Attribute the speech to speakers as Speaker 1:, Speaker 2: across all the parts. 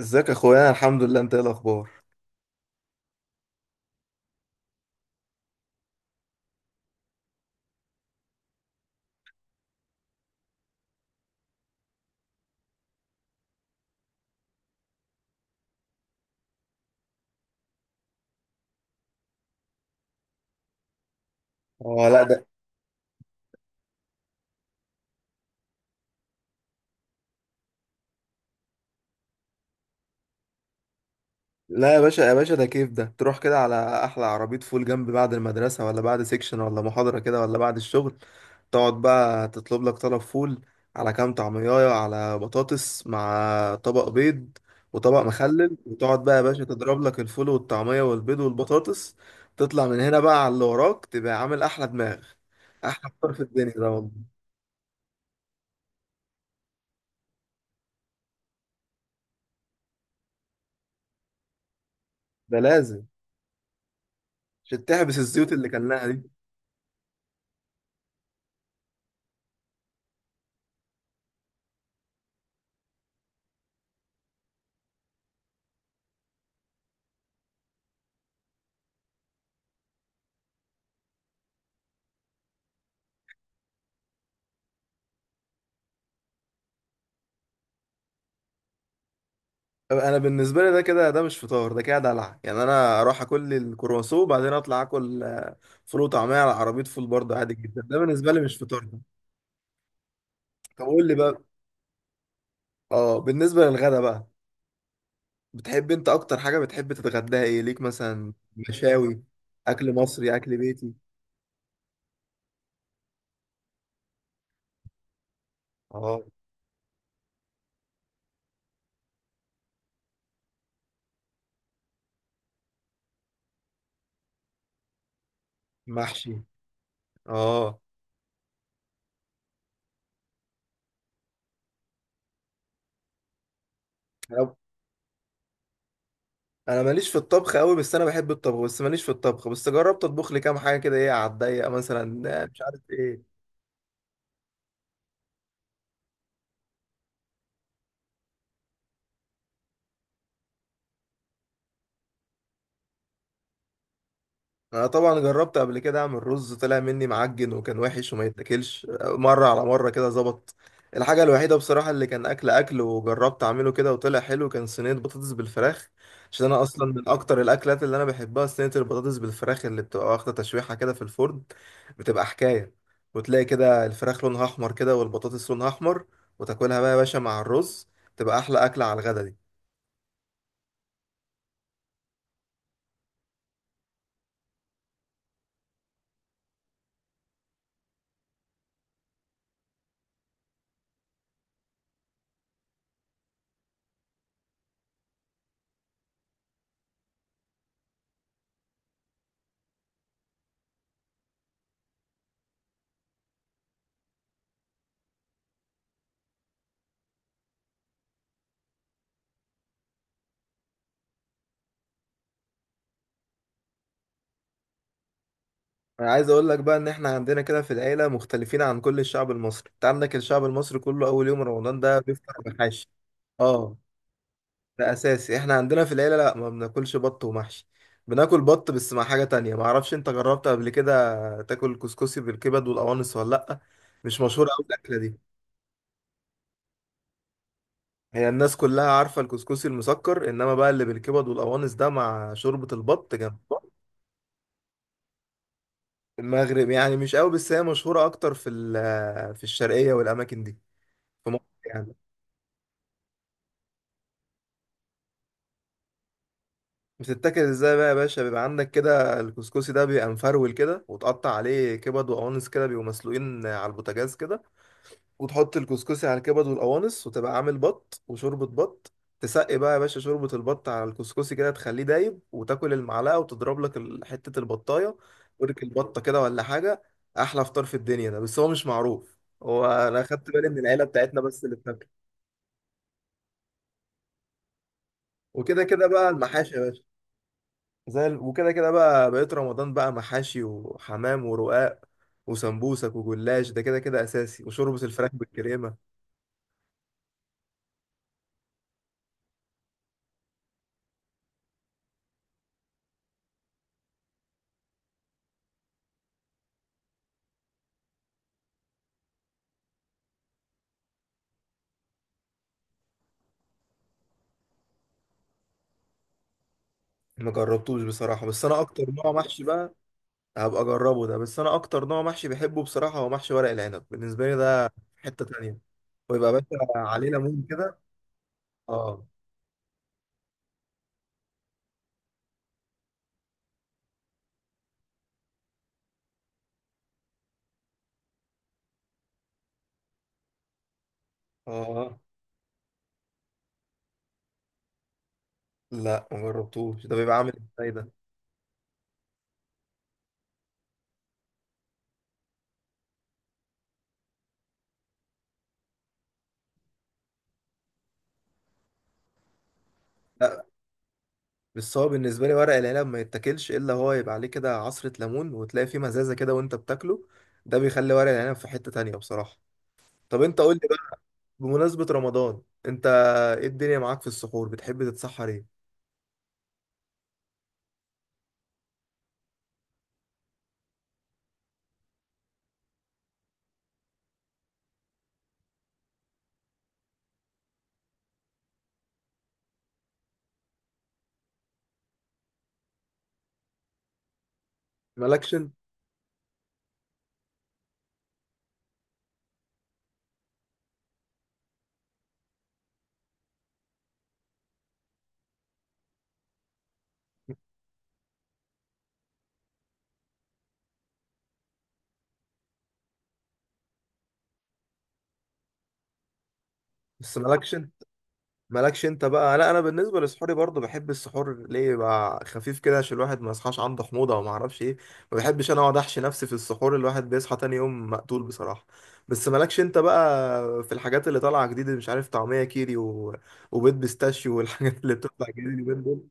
Speaker 1: ازيك يا اخويا، أنا الحمد لله. انت ايه الاخبار؟ اه، لا ده. لا يا باشا، يا باشا ده كيف ده تروح كده على احلى عربيه فول جنب بعد المدرسه، ولا بعد سيكشن، ولا محاضره كده، ولا بعد الشغل. تقعد بقى تطلب لك طلب فول، على كام طعميه، على بطاطس، مع طبق بيض، وطبق مخلل، وتقعد بقى يا باشا تضرب لك الفول والطعميه والبيض والبطاطس. تطلع من هنا بقى على اللي وراك، تبقى عامل احلى دماغ. احلى فطار في الدنيا ده والله. ده لازم عشان تحبس الزيوت اللي كلناها دي. انا بالنسبه لي ده كده، ده مش فطار، ده كده دلع يعني. انا اروح اكل لي الكرواسون، وبعدين اطلع اكل فول وطعميه على عربيه فول برضه، عادي جدا. ده بالنسبه لي مش فطار ده. طب قول لي بقى. اه، بالنسبه للغدا بقى، بتحب انت اكتر حاجه بتحب تتغداها ايه؟ ليك مثلا مشاوي؟ اكل مصري، اكل بيتي. اه. محشي. اه. انا ماليش في الطبخ قوي، بس انا بحب الطبخ، بس ماليش في الطبخ، بس جربت اطبخ لي كام حاجه كده ايه على الضيق مثلا، مش عارف ايه. انا طبعا جربت قبل كده اعمل رز، طلع مني معجن وكان وحش وما يتاكلش، مره على مره كده ظبط. الحاجه الوحيده بصراحه اللي كان اكل اكل وجربت اعمله كده وطلع حلو كان صينيه بطاطس بالفراخ. عشان انا اصلا من اكتر الاكلات اللي انا بحبها صينيه البطاطس بالفراخ، اللي بتبقى واخده تشويحه كده في الفرن. بتبقى حكايه. وتلاقي كده الفراخ لونها احمر كده والبطاطس لونها احمر، وتاكلها بقى يا باشا مع الرز. تبقى احلى اكله على الغدا دي. انا عايز اقول لك بقى ان احنا عندنا كده في العيله مختلفين عن كل الشعب المصري. انت عندك الشعب المصري كله اول يوم رمضان ده بيفطر بحاش. اه، ده اساسي. احنا عندنا في العيله لا، ما بناكلش بط ومحشي. بناكل بط بس مع حاجه تانية. ما اعرفش انت جربت قبل كده تاكل كسكسي بالكبد والقوانص ولا لا. مش مشهوره قوي الاكله دي. هي الناس كلها عارفه الكسكسي المسكر، انما بقى اللي بالكبد والقوانص ده مع شوربه البط جنب. المغرب يعني مش قوي، بس هي مشهوره اكتر في في الشرقيه والاماكن دي. في مصر يعني. بتتاكل ازاي بقى يا باشا؟ بيبقى عندك كده الكسكسي ده بيبقى مفرول كده، وتقطع عليه كبد وقوانص كده، بيبقوا مسلوقين على البوتاجاز كده، وتحط الكسكسي على الكبد والقوانص، وتبقى عامل بط وشوربة بط. تسقي بقى يا باشا شوربة البط على الكسكسي كده، تخليه دايب، وتاكل المعلقة، وتضرب لك حتة البطاية، ورك البطة كده ولا حاجة. أحلى فطار في الدنيا ده، بس هو مش معروف. هو أنا أخدت بالي من العيلة بتاعتنا بس اللي بتاكله. وكده كده بقى المحاشي يا باشا، وكده كده بقى بقيت رمضان بقى محاشي وحمام ورقاق وسمبوسك وجلاش، ده كده كده اساسي، وشوربة الفراخ بالكريمة. ما جربتوش بصراحة، بس انا اكتر نوع محشي بقى هبقى اجربه ده، بس انا اكتر نوع محشي بحبه بصراحة هو محشي ورق العنب. بالنسبة لي ده في حتة تانية. ويبقى باشا. عليه ليمون كده. اه. اه، لا ما جربتوش. ده بيبقى عامل ازاي ده؟ لا، بس هو بالنسبة لي ورق العنب ما يتاكلش إلا هو يبقى عليه كده عصرة ليمون وتلاقي فيه مزازة كده وأنت بتاكله. ده بيخلي ورق العنب في حتة تانية بصراحة. طب أنت قول لي بقى، بمناسبة رمضان، أنت إيه الدنيا معاك في السحور؟ بتحب تتسحر إيه؟ مالكشن. بس مالكشن. مالكش انت بقى. لا انا بالنسبه لسحوري برضو بحب السحور ليه يبقى خفيف كده عشان الواحد ما يصحاش عنده حموضه او ما اعرفش ايه. ما بحبش انا اقعد احشي نفسي في السحور، الواحد بيصحى تاني يوم مقتول بصراحه. بس مالكش انت بقى. في الحاجات اللي طالعه جديد، مش عارف، طعميه كيري وبيض بيستاشيو، والحاجات اللي بتطلع جديد اليومين دول.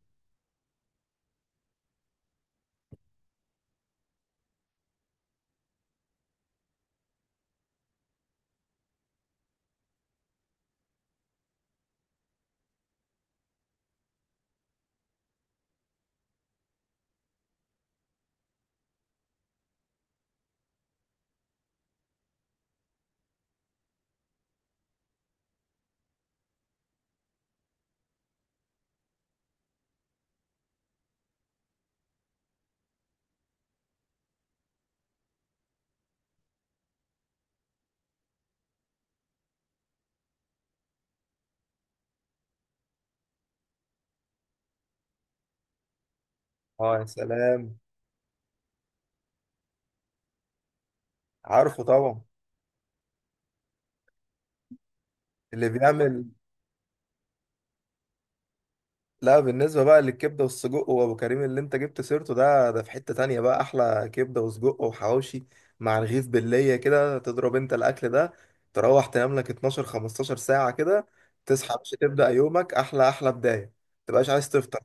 Speaker 1: اه، يا سلام. عارفه طبعا. اللي بيعمل. لا، بالنسبة بقى للكبدة والسجق وأبو كريم اللي أنت جبت سيرته ده، ده في حتة تانية بقى. أحلى كبدة وسجق وحواوشي مع رغيف باللية كده، تضرب أنت الأكل ده، تروح تنام لك 12 15 ساعة كده، تصحى مش تبدأ يومك أحلى أحلى بداية. متبقاش عايز تفطر.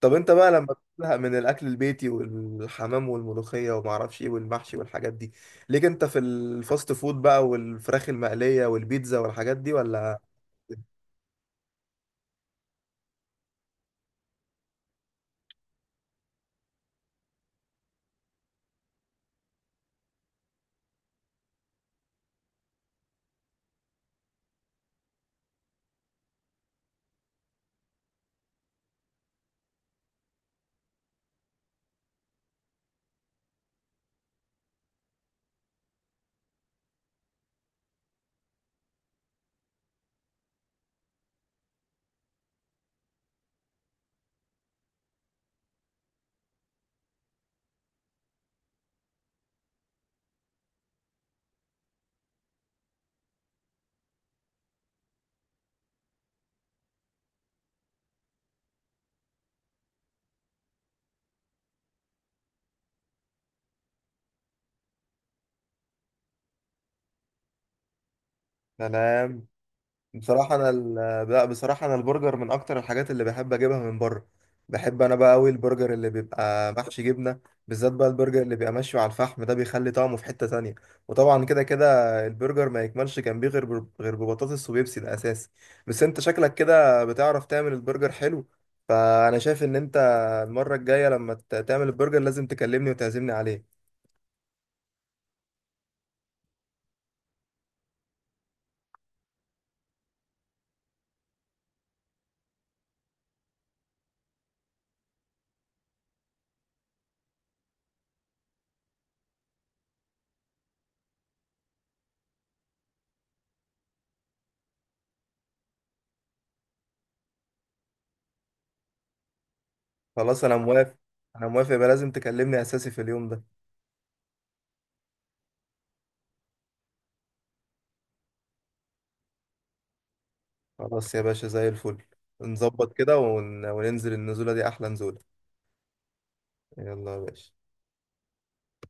Speaker 1: طب أنت بقى لما بتزهق من الأكل البيتي والحمام والملوخية ومعرفش إيه والمحشي والحاجات دي، ليك أنت في الفاست فود بقى والفراخ المقلية والبيتزا والحاجات دي ولا؟ سلام. بصراحة أنا ال... لا، بصراحة أنا البرجر من أكتر الحاجات اللي بحب أجيبها من بره. بحب أنا بقى أوي البرجر اللي بيبقى محشي جبنة، بالذات بقى البرجر اللي بيبقى مشوي على الفحم ده بيخلي طعمه في حتة تانية. وطبعا كده كده البرجر ما يكملش جنبيه غير غير ببطاطس وبيبسي، ده أساسي. بس أنت شكلك كده بتعرف تعمل البرجر حلو، فأنا شايف إن أنت المرة الجاية لما تعمل البرجر لازم تكلمني وتعزمني عليه. خلاص أنا موافق. أنا موافق، يبقى لازم تكلمني أساسي في اليوم ده. خلاص يا باشا، زي الفل. نظبط كده وننزل النزولة دي أحلى نزولة. يلا يا باشا.